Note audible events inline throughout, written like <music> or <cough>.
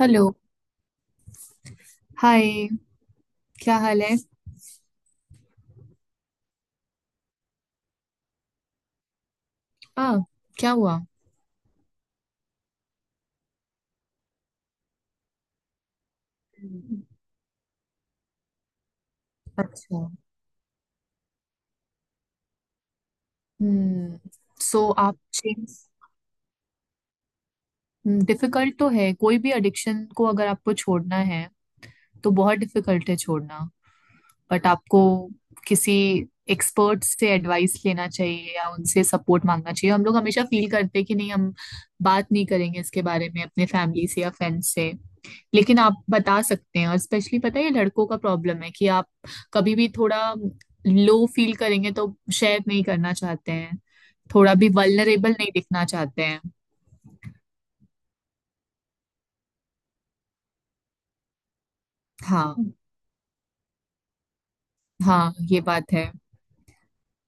Hello. Hi. क्या हाल है? आ क्या हुआ? हम्म। अच्छा। हम्म। सो आप चेंज डिफिकल्ट तो है, कोई भी एडिक्शन को अगर आपको छोड़ना है तो बहुत डिफिकल्ट है छोड़ना। बट आपको किसी एक्सपर्ट से एडवाइस लेना चाहिए या उनसे सपोर्ट मांगना चाहिए। हम लोग हमेशा फील करते हैं कि नहीं, हम बात नहीं करेंगे इसके बारे में अपने फैमिली से या फ्रेंड्स से, लेकिन आप बता सकते हैं। और स्पेशली पता है ये लड़कों का प्रॉब्लम है कि आप कभी भी थोड़ा लो फील करेंगे तो शेयर नहीं करना चाहते हैं, थोड़ा भी वल्नरेबल नहीं दिखना चाहते हैं। हाँ, हाँ ये बात है।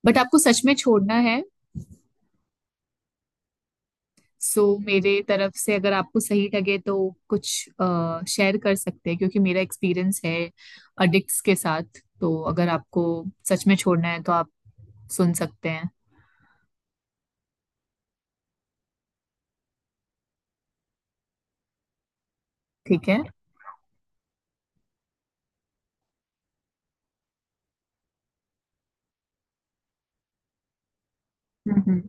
बट आपको सच में छोड़ना है? सो मेरे तरफ से अगर आपको सही लगे तो कुछ शेयर कर सकते हैं, क्योंकि मेरा एक्सपीरियंस है अडिक्ट्स के साथ। तो अगर आपको सच में छोड़ना है तो आप सुन सकते हैं। ठीक है। हम्म। हम्म।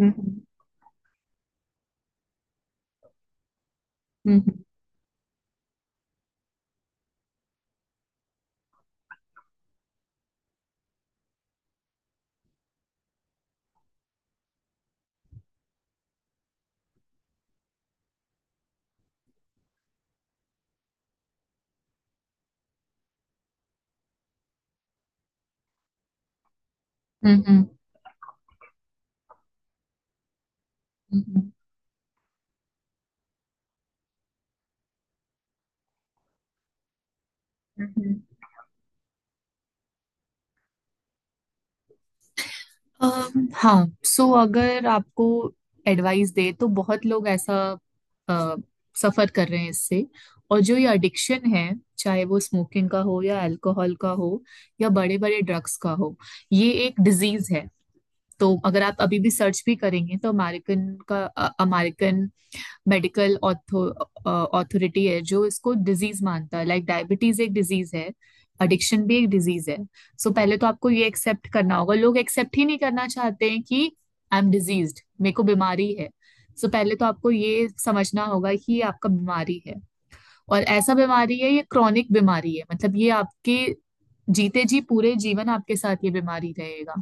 हम्म। हम्म। हम्म। हम्म। हम्म। हम्म। हाँ, सो अगर आपको एडवाइस दे तो बहुत लोग ऐसा अ, सफर कर रहे हैं इससे। और जो ये एडिक्शन है, चाहे वो स्मोकिंग का हो या अल्कोहल का हो या बड़े बड़े ड्रग्स का हो, ये एक डिजीज है। तो अगर आप अभी भी सर्च भी करेंगे तो अमेरिकन का, अमेरिकन मेडिकल अथॉरिटी है जो इसको डिजीज मानता है। लाइक डायबिटीज एक डिजीज है, एडिक्शन भी एक डिजीज है। सो पहले तो आपको ये एक्सेप्ट करना होगा। लोग एक्सेप्ट ही नहीं करना चाहते हैं कि आई एम डिजीज्ड, मेरे को बीमारी है। सो पहले तो आपको ये समझना होगा कि ये आपका बीमारी है। और ऐसा बीमारी है ये, क्रॉनिक बीमारी है, मतलब ये आपके जीते जी पूरे जीवन आपके साथ ये बीमारी रहेगा।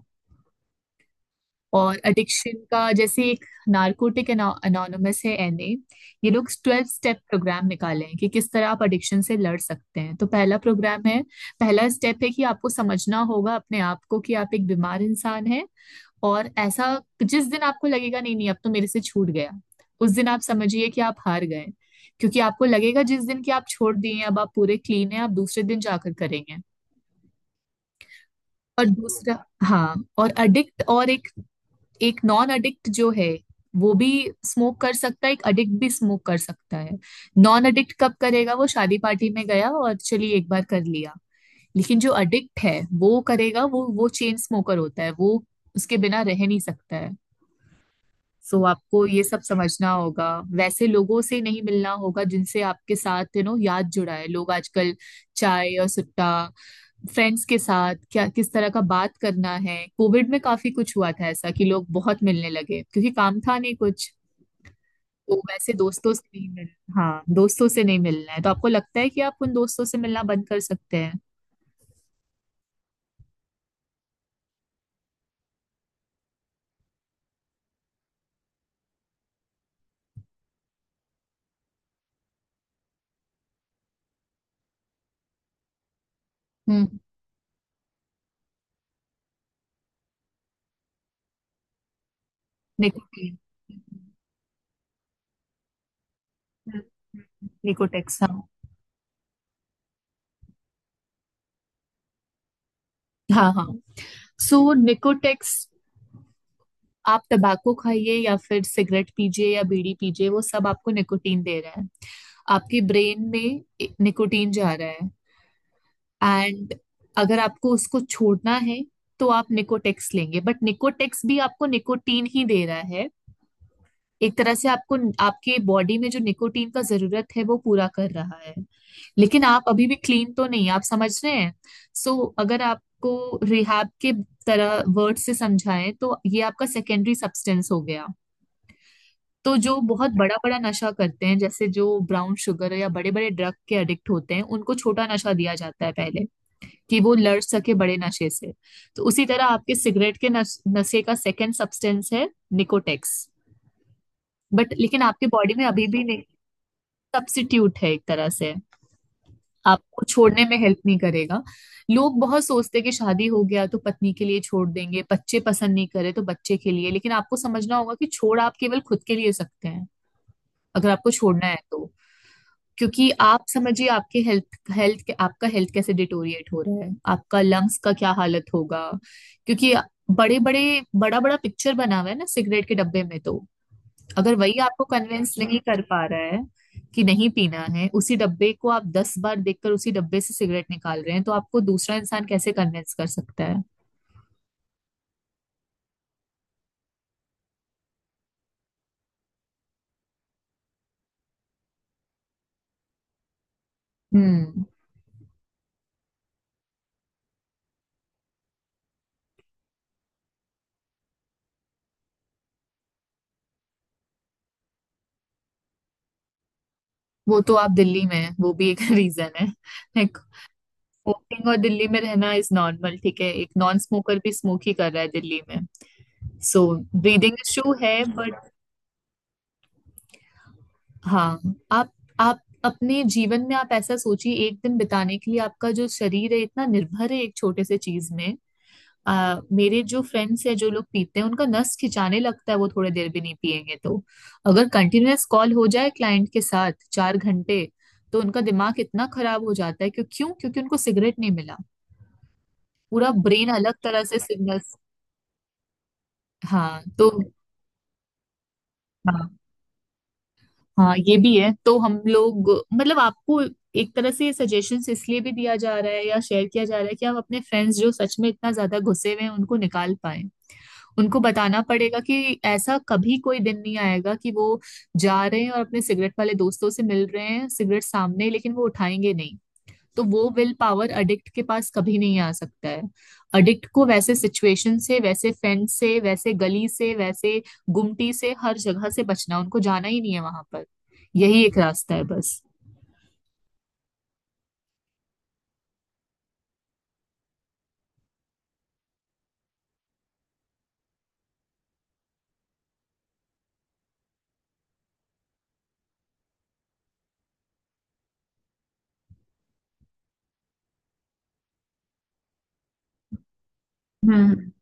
और एडिक्शन का, जैसे एक नारकोटिक अनोनमस है, एनए, ये लोग 12 स्टेप प्रोग्राम निकाले हैं कि किस तरह आप एडिक्शन से लड़ सकते हैं। तो पहला प्रोग्राम है, पहला स्टेप है कि आपको समझना होगा अपने आप को कि आप एक बीमार इंसान हैं। और ऐसा, जिस दिन आपको लगेगा नहीं नहीं अब तो मेरे से छूट गया, उस दिन आप समझिए कि आप हार गए। क्योंकि आपको लगेगा जिस दिन कि आप छोड़ दिए हैं, अब आप पूरे क्लीन हैं, आप दूसरे दिन जाकर करेंगे। और दूसरा, हाँ और अडिक्ट और एक एक नॉन अडिक्ट जो है वो भी स्मोक कर सकता है, एक अडिक्ट भी स्मोक कर सकता है। नॉन अडिक्ट कब करेगा? वो शादी पार्टी में गया और चलिए एक बार कर लिया। लेकिन जो अडिक्ट है वो करेगा, वो चेन स्मोकर होता है, वो उसके बिना रह नहीं सकता है। सो आपको ये सब समझना होगा। वैसे लोगों से नहीं मिलना होगा जिनसे आपके साथ, यू नो, याद जुड़ा है। लोग आजकल चाय और सुट्टा फ्रेंड्स के साथ क्या किस तरह का बात करना है। कोविड में काफी कुछ हुआ था ऐसा कि लोग बहुत मिलने लगे क्योंकि काम था नहीं कुछ। तो वैसे दोस्तों से नहीं मिल हाँ, दोस्तों से नहीं मिलना है तो आपको लगता है कि आप उन दोस्तों से मिलना बंद कर सकते हैं? हम्म। निकोटीन। हम्म। निकोटेक्स, हाँ। हाँ, हाँ। सो निकोटेक्स, आप टबाको खाइए या फिर सिगरेट पीजिए या बीड़ी पीजिए, वो सब आपको निकोटीन दे रहा है, आपकी ब्रेन में निकोटीन जा रहा है। एंड अगर आपको उसको छोड़ना है तो आप निकोटेक्स लेंगे, बट निकोटेक्स भी आपको निकोटीन ही दे रहा है। एक तरह से आपको, आपके बॉडी में जो निकोटीन का जरूरत है वो पूरा कर रहा है, लेकिन आप अभी भी क्लीन तो नहीं, आप समझ रहे हैं? सो अगर आपको रिहैब के तरह वर्ड से समझाएं तो ये आपका सेकेंडरी सब्सटेंस हो गया। तो जो बहुत बड़ा बड़ा नशा करते हैं, जैसे जो ब्राउन शुगर या बड़े बड़े ड्रग के एडिक्ट होते हैं, उनको छोटा नशा दिया जाता है पहले कि वो लड़ सके बड़े नशे से। तो उसी तरह आपके सिगरेट के नशे का सेकेंड सब्सटेंस है निकोटेक्स। बट लेकिन आपके बॉडी में अभी भी नहीं, सब्स्टिट्यूट है एक तरह से, आपको छोड़ने में हेल्प नहीं करेगा। लोग बहुत सोचते हैं कि शादी हो गया तो पत्नी के लिए छोड़ देंगे, बच्चे पसंद नहीं करे तो बच्चे के लिए। लेकिन आपको समझना होगा कि छोड़ आप केवल खुद के लिए सकते हैं, अगर आपको छोड़ना है तो। क्योंकि आप समझिए आपके हेल्थ हेल्थ आपका हेल्थ कैसे डिटोरिएट हो रहा है, आपका लंग्स का क्या हालत होगा, क्योंकि बड़े बड़े बड़ा बड़ा पिक्चर बना हुआ है ना सिगरेट के डब्बे में। तो अगर वही आपको कन्विंस नहीं कर पा रहा है कि नहीं पीना है, उसी डब्बे को आप 10 बार देखकर उसी डब्बे से सिगरेट निकाल रहे हैं, तो आपको दूसरा इंसान कैसे कन्विंस कर सकता है? हम्म। वो तो आप दिल्ली में हैं, वो भी एक <laughs> रीजन है, लाइक वोटिंग और दिल्ली में रहना इज नॉर्मल, ठीक है, एक नॉन स्मोकर भी स्मोक ही कर रहा है दिल्ली में। सो ब्रीदिंग इशू है बट, हाँ, आप आप अपने जीवन में आप ऐसा सोचिए, एक दिन बिताने के लिए आपका जो शरीर है इतना निर्भर है एक छोटे से चीज में। आ, मेरे जो फ्रेंड्स हैं जो लोग पीते हैं उनका नस खिंचाने लगता है, वो थोड़ी देर भी नहीं पिएंगे तो, अगर कंटिन्यूअस कॉल हो जाए क्लाइंट के साथ 4 घंटे, तो उनका दिमाग इतना खराब हो जाता है। क्यों क्यों क्योंकि उनको सिगरेट नहीं मिला, पूरा ब्रेन अलग तरह से सिग्नल्स। हाँ तो। हाँ, हाँ ये भी है तो हम लोग, मतलब आपको एक तरह से सजेशंस इसलिए भी दिया जा रहा है या शेयर किया जा रहा है कि आप अपने फ्रेंड्स जो सच में इतना ज्यादा घुसे हुए हैं उनको निकाल पाए। उनको बताना पड़ेगा कि ऐसा कभी कोई दिन नहीं आएगा कि वो जा रहे हैं और अपने सिगरेट वाले दोस्तों से मिल रहे हैं, सिगरेट सामने है, लेकिन वो उठाएंगे नहीं। तो वो विल पावर अडिक्ट के पास कभी नहीं आ सकता है। अडिक्ट को वैसे सिचुएशन से, वैसे फ्रेंड से, वैसे गली से, वैसे गुमटी से, हर जगह से बचना, उनको जाना ही नहीं है वहां पर। यही एक रास्ता है बस। हम्म।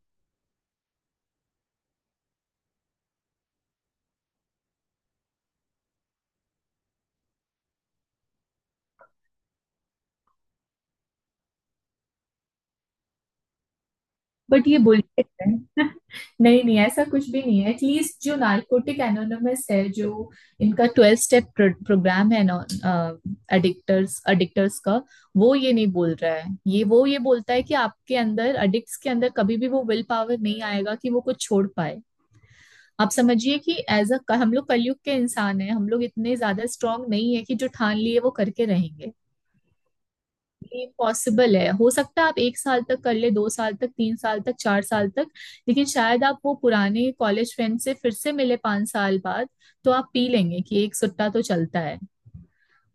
बट ये बुलशिट है <laughs> नहीं नहीं ऐसा कुछ भी नहीं है। एटलीस्ट जो नार्कोटिक एनोनिमस है, जो इनका 12 स्टेप प्रोग्राम है, एडिक्टर्स एडिक्टर्स का, वो ये नहीं बोल रहा है, ये वो ये बोलता है कि आपके अंदर, एडिक्ट्स के अंदर कभी भी वो विल पावर नहीं आएगा कि वो कुछ छोड़ पाए। आप समझिए कि एज अ, हम लोग कलयुग के इंसान हैं, हम लोग इतने ज्यादा स्ट्रांग नहीं है कि जो ठान लिए वो करके रहेंगे। ये पॉसिबल है, हो सकता है आप एक साल तक कर ले, 2 साल तक, 3 साल तक, 4 साल तक, लेकिन शायद आप वो पुराने कॉलेज फ्रेंड से फिर से मिले 5 साल बाद, तो आप पी लेंगे कि एक सुट्टा तो चलता है।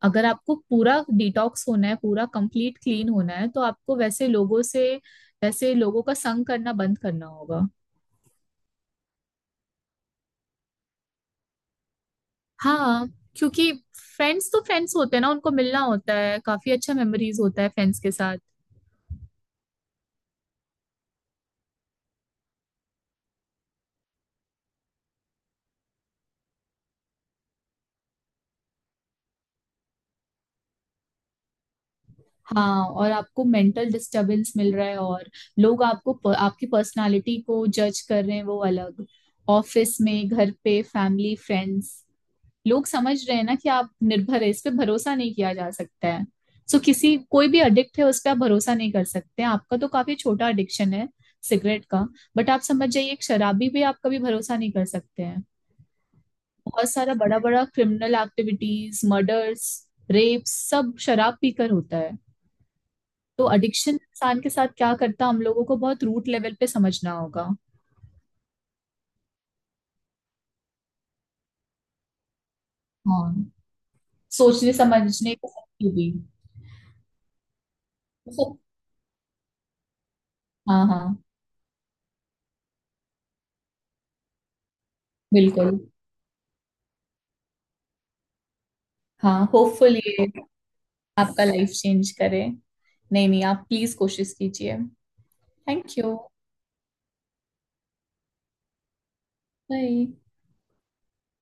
अगर आपको पूरा डिटॉक्स होना है, पूरा कंप्लीट क्लीन होना है, तो आपको वैसे लोगों का संग करना बंद करना होगा। हाँ, क्योंकि फ्रेंड्स तो फ्रेंड्स होते हैं ना, उनको मिलना होता है, काफी अच्छा मेमोरीज होता है फ्रेंड्स के साथ। हाँ, और आपको मेंटल डिस्टरबेंस मिल रहा है, और लोग आपको आपकी पर्सनालिटी को जज कर रहे हैं वो अलग। ऑफिस में, घर पे, फैमिली, फ्रेंड्स, लोग समझ रहे हैं ना कि आप निर्भर है, इस पे भरोसा नहीं किया जा सकता है। सो किसी, कोई भी एडिक्ट है उस पे आप भरोसा नहीं कर सकते। आपका तो काफी छोटा एडिक्शन है सिगरेट का, बट आप समझ जाइए एक शराबी पे आप कभी भरोसा नहीं कर सकते हैं। बहुत सारा बड़ा बड़ा क्रिमिनल एक्टिविटीज, मर्डर्स, रेप सब शराब पीकर होता है। तो एडिक्शन इंसान के साथ क्या करता है हम लोगों को बहुत रूट लेवल पे समझना होगा। हाँ, सोचने समझने की शक्ति भी। तो हाँ, हाँ, बिल्कुल। हाँ होपफुल ये आपका लाइफ चेंज करे। नहीं नहीं आप प्लीज कोशिश कीजिए। Thank you. बाय।